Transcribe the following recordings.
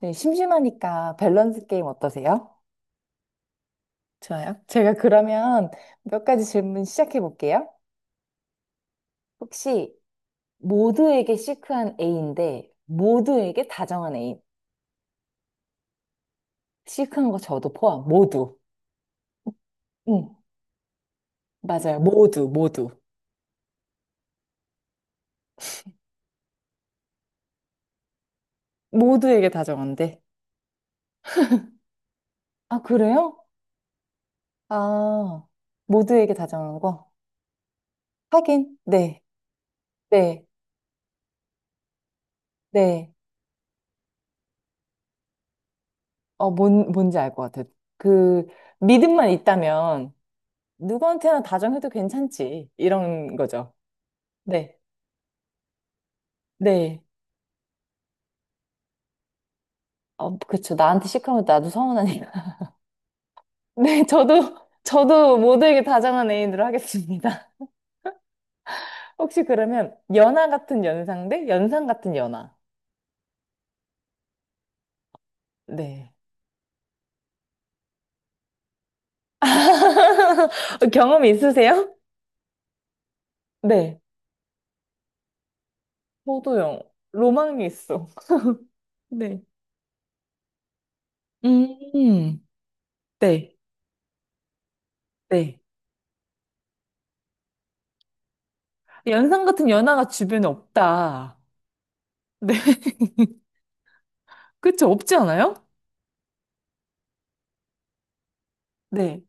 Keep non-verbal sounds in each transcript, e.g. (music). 네, 심심하니까 밸런스 게임 어떠세요? 좋아요. 제가 그러면 몇 가지 질문 시작해 볼게요. 혹시 모두에게 시크한 A인데 모두에게 다정한 A. 시크한 거 저도 포함. 모두. 응, 맞아요. 모두, 모두. 모두에게 다정한데. 아, 그래요? 아, 모두에게 다정한 거? 하긴, 네, 네, 네. 뭔지 알 것 같아요. 그, 믿음만 있다면 누구한테나 다정해도 괜찮지. 이런 거죠. 네. 네. 어, 그쵸. 나한테 시하면 나도 서운하니까. (laughs) 네, 저도, 저도 모두에게 다정한 애인으로 하겠습니다. (laughs) 혹시 그러면 연하 같은 연상 대 연상 같은 연하. 네. (laughs) 경험 있으세요? 네. 저도요. 로망이 있어. 네. 음, 네, 네. 연상 같은 연하가 주변에 없다. 네. (laughs) 그쵸? 없지 않아요? 네.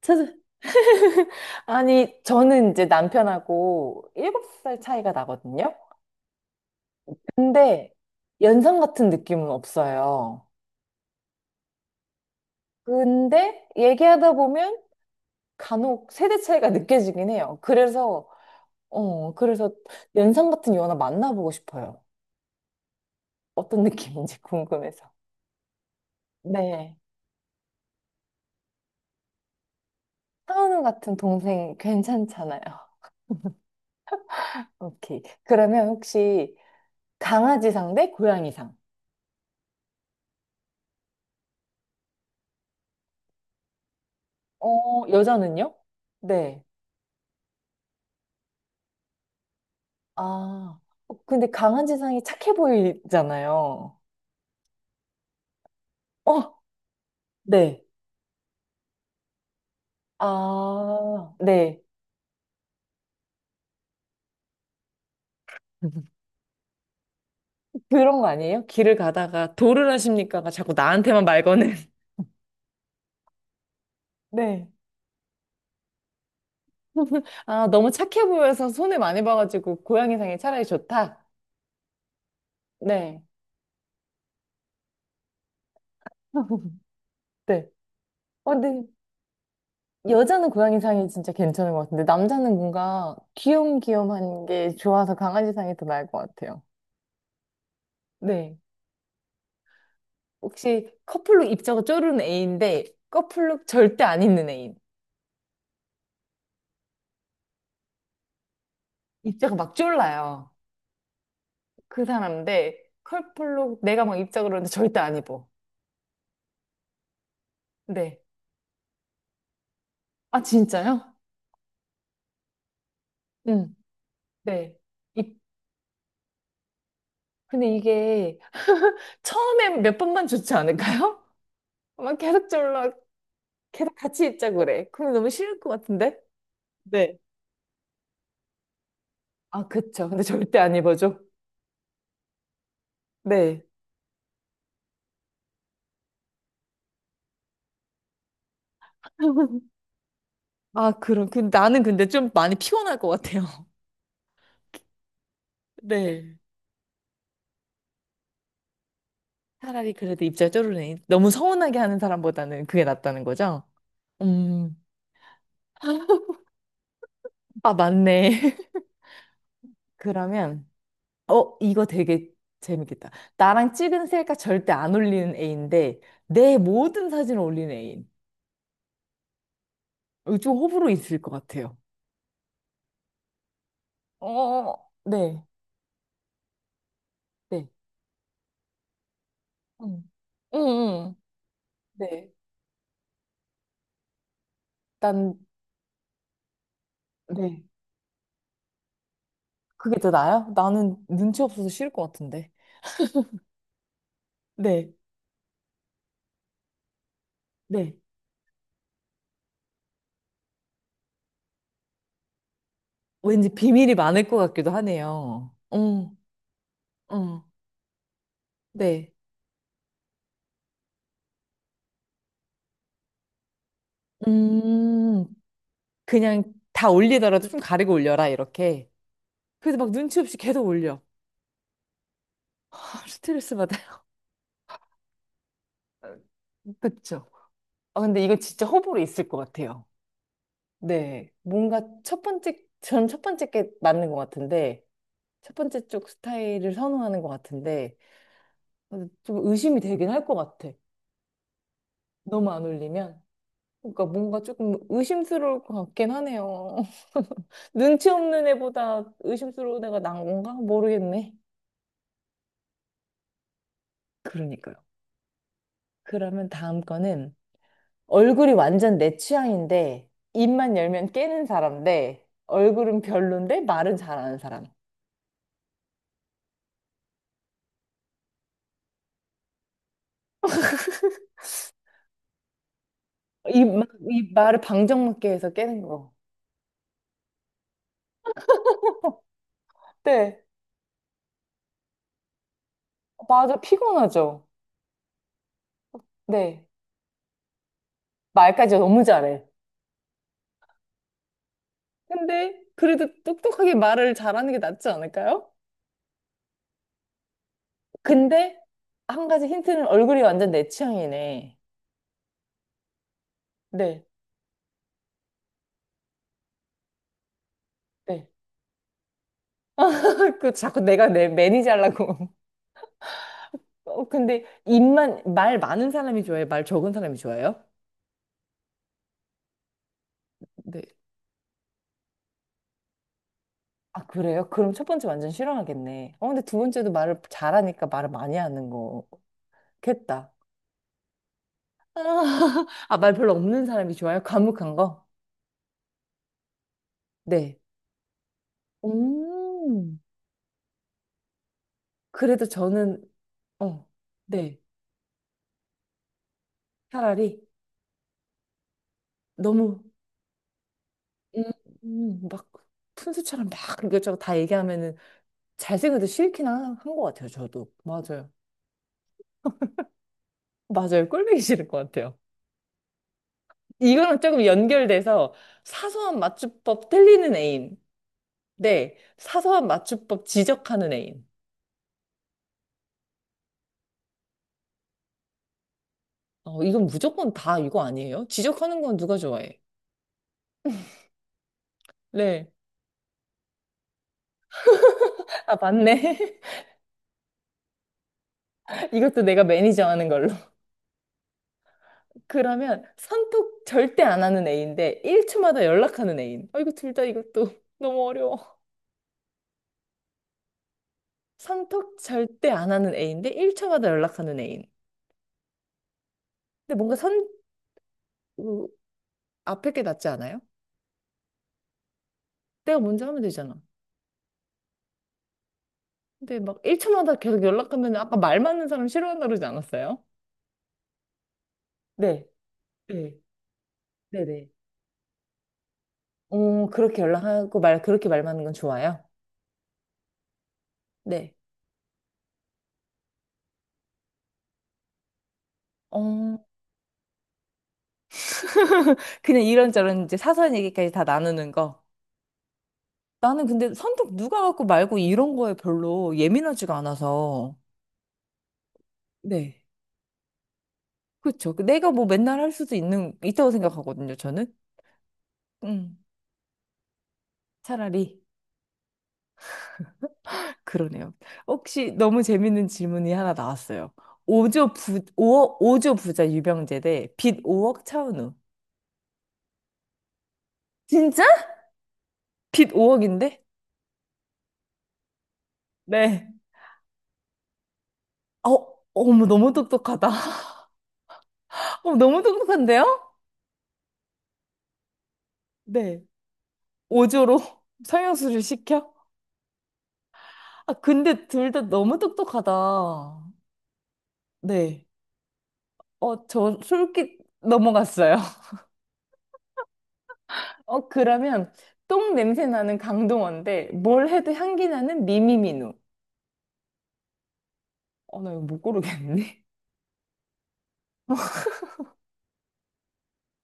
찾아, (laughs) 아니, 저는 이제 남편하고 7살 차이가 나거든요. 근데 연상 같은 느낌은 없어요. 근데 얘기하다 보면 간혹 세대 차이가 느껴지긴 해요. 그래서, 그래서 연상 같은 연하 만나보고 싶어요. 어떤 느낌인지 궁금해서. 네. 상은우 같은 동생 괜찮잖아요. (laughs) 오케이. 그러면 혹시 강아지상 대 고양이상? 어, 여자는요? 네. 아, 근데 강한 지상이 착해 보이잖아요. 어, 네. 아, 네. (laughs) 그런 거 아니에요? 길을 가다가 도를 하십니까가 자꾸 나한테만 말 거는. (laughs) 네. (laughs) 아, 너무 착해 보여서 손해 많이 봐가지고 고양이상이 차라리 좋다. 네. (laughs) 네. 어, 근데 여자는 고양이상이 진짜 괜찮은 것 같은데 남자는 뭔가 귀염귀염한 게 좋아서 강아지상이 더 나을 것 같아요. 네 혹시 커플룩 입자가 쪼르는 애인데 커플룩 절대 안 입는 애인. 입자가 막 쫄라요. 그 사람인데 커플룩 내가 막 입자 그러는데 절대 안 입어. 네. 아 진짜요? 응. 네. 입 근데 이게 (laughs) 처음에 몇 번만 좋지 않을까요? (laughs) 막 계속 졸라 계속 같이 입자 그래. 그럼 너무 싫을 것 같은데? 네. 아 그쵸. 근데 절대 안 입어줘. 네. (laughs) 아, 그럼. 근 나는 근데 좀 많이 피곤할 것 같아요. (laughs) 네. 차라리 그래도 입자 쪼르르니. 너무 서운하게 하는 사람보다는 그게 낫다는 거죠? 음. 아, 맞네. (laughs) 그러면, 이거 되게 재밌겠다. 나랑 찍은 셀카 절대 안 올리는 애인데, 내 모든 사진을 올리는 애인. 이거 좀 호불호 있을 것 같아요. 어, 네, 네, 응, 응, 응. 네. 난, 네. 그게 더 나아요? 나는 눈치 없어서 싫을 것 같은데. 네, 네. 왠지 비밀이 많을 것 같기도 하네요. 응, 응. 네. 음, 그냥 다 올리더라도 좀 가리고 올려라, 이렇게. 그래서 막 눈치 없이 계속 올려. (laughs) 스트레스 받아요. 그쵸. 아, 근데 이거 진짜 호불호 있을 것 같아요. 네. 뭔가 첫 번째, 저는 첫 번째 게 맞는 것 같은데, 첫 번째 쪽 스타일을 선호하는 것 같은데, 좀 의심이 되긴 할 것 같아. 너무 안 올리면. 그러니까 뭔가 조금 의심스러울 것 같긴 하네요. (laughs) 눈치 없는 애보다 의심스러운 애가 난 건가? 모르겠네. 그러니까요. 그러면 다음 거는 얼굴이 완전 내 취향인데 입만 열면 깨는 사람 대 얼굴은 별론데 말은 잘하는 사람. 이 말을 방정맞게 해서 깨는 거. 네, 맞아. 피곤하죠. 네. 말까지 너무 잘해. 근데 그래도 똑똑하게 말을 잘하는 게 낫지 않을까요? 근데 한 가지 힌트는 얼굴이 완전 내 취향이네. 네, 네. (laughs) 그 자꾸 내가 내 매니저 하려고. 어, 근데 입만 말 많은 사람이 좋아해요? 말 적은 사람이 좋아해요? 네. 아, 그래요? 그럼 첫 번째 완전 싫어하겠네. 어, 근데 두 번째도 말을 잘하니까 말을 많이 하는 거겠다. (laughs) 아, 말 별로 없는 사람이 좋아요? 과묵한 거? 네. 음. 그래도 저는 어, 네. 차라리 너무 음, 막 푼수처럼 막 이것저것 다 얘기하면은 잘생겨도 싫긴 한 것 같아요, 저도. 맞아요. 맞아요. 꼴보기 싫을 것 같아요. 이거랑 조금 연결돼서 사소한 맞춤법 틀리는 애인. 네, 사소한 맞춤법 지적하는 애인. 어, 이건 무조건 다 이거 아니에요? 지적하는 건 누가 좋아해? 네. 아, 맞네. (laughs) 이것도 내가 매니저 하는 걸로. (laughs) 그러면 선톡 절대 안 하는 애인데 1초마다 연락하는 애인. 아, 이거 둘 다 이것도 (laughs) 너무 어려워. 선톡 절대 안 하는 애인데 1초마다 연락하는 애인. 근데 뭔가 선, 그, 앞에 게 낫지 않아요? 내가 먼저 하면 되잖아. 근데 막 1차마다 계속 연락하면 아까 말 맞는 사람 싫어한다 그러지 않았어요? 네, 네, 네네. 어, 그렇게 연락하고 말, 그렇게 말 맞는 건 좋아요? 네. 어, 그냥 이런저런 이제 사소한 얘기까지 다 나누는 거. 나는 근데 선택 누가 갖고 말고 이런 거에 별로 예민하지가 않아서. 네. 그렇죠. 그 내가 뭐 맨날 할 수도 있는, 있다고 생각하거든요, 저는. 음, 차라리. 그러네요. 혹시 너무 재밌는 질문이 하나 나왔어요. 5조 부, 오억 오조 부자 유병재 대빚 5억 차은우. 진짜? 빚 5억인데? 네. 어, 어머, 너무 똑똑하다. (laughs) 어, 너무 똑똑한데요? 네. 5조로 (laughs) 성형수술 시켜? 아, 근데 둘 다 너무 똑똑하다. 네. 어, 저 솔깃 넘어갔어요. (laughs) 어, 그러면 똥 냄새 나는 강동원데 뭘 해도 향기 나는 미미민우. 어, 나 이거 못 고르겠네.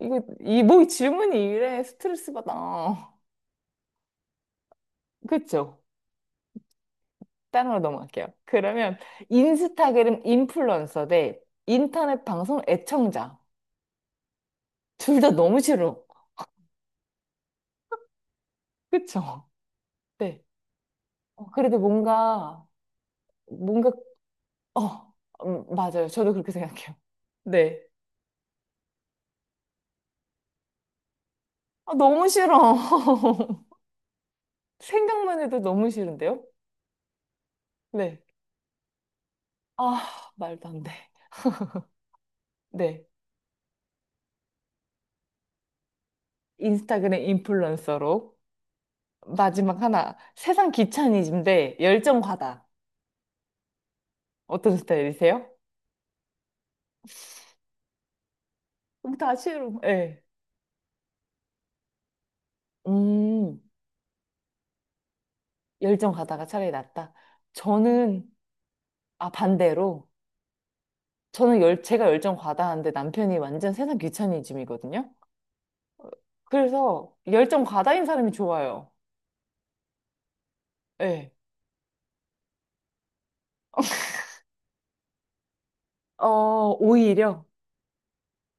이거 이 뭐 이 질문이 이래 스트레스 받아. 그쵸? 다른 걸 넘어갈게요. 그러면 인스타그램 인플루언서 대 인터넷 방송 애청자. 둘 다 너무 싫어. 그쵸? 네. 어, 그래도 뭔가 뭔가 어 맞아요. 저도 그렇게 생각해요. 네. 아, 너무 싫어. (laughs) 생각만 해도 너무 싫은데요? 네. 아, 말도 안 돼. 네. 인스타그램 인플루언서로. 마지막 하나. 세상 귀차니즘대 열정 과다. 어떤 스타일이세요? 그럼 다 싫어. 예 음, 열정 과다가 차라리 낫다. 저는, 아, 반대로. 저는 열, 제가 열정 과다한데 남편이 완전 세상 귀차니즘이거든요. 그래서 열정 과다인 사람이 좋아요. 예 어, 오히려.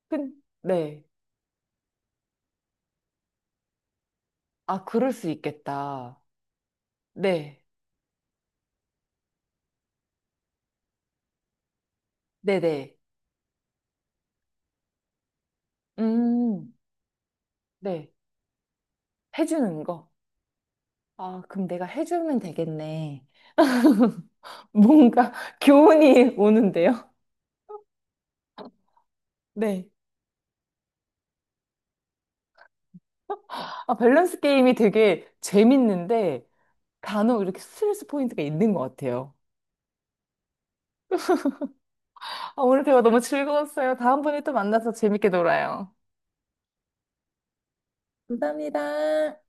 근, 네. 아, 그럴 수 있겠다. 네. 네네. 음, 네. 해주는 거. 아, 그럼 내가 해주면 되겠네. 뭔가 (laughs) 교훈이 오는데요. 네. 아, 밸런스 게임이 되게 재밌는데 간혹 이렇게 스트레스 포인트가 있는 것 같아요. 아, 오늘 대화 너무 즐거웠어요. 다음번에 또 만나서 재밌게 놀아요. 감사합니다.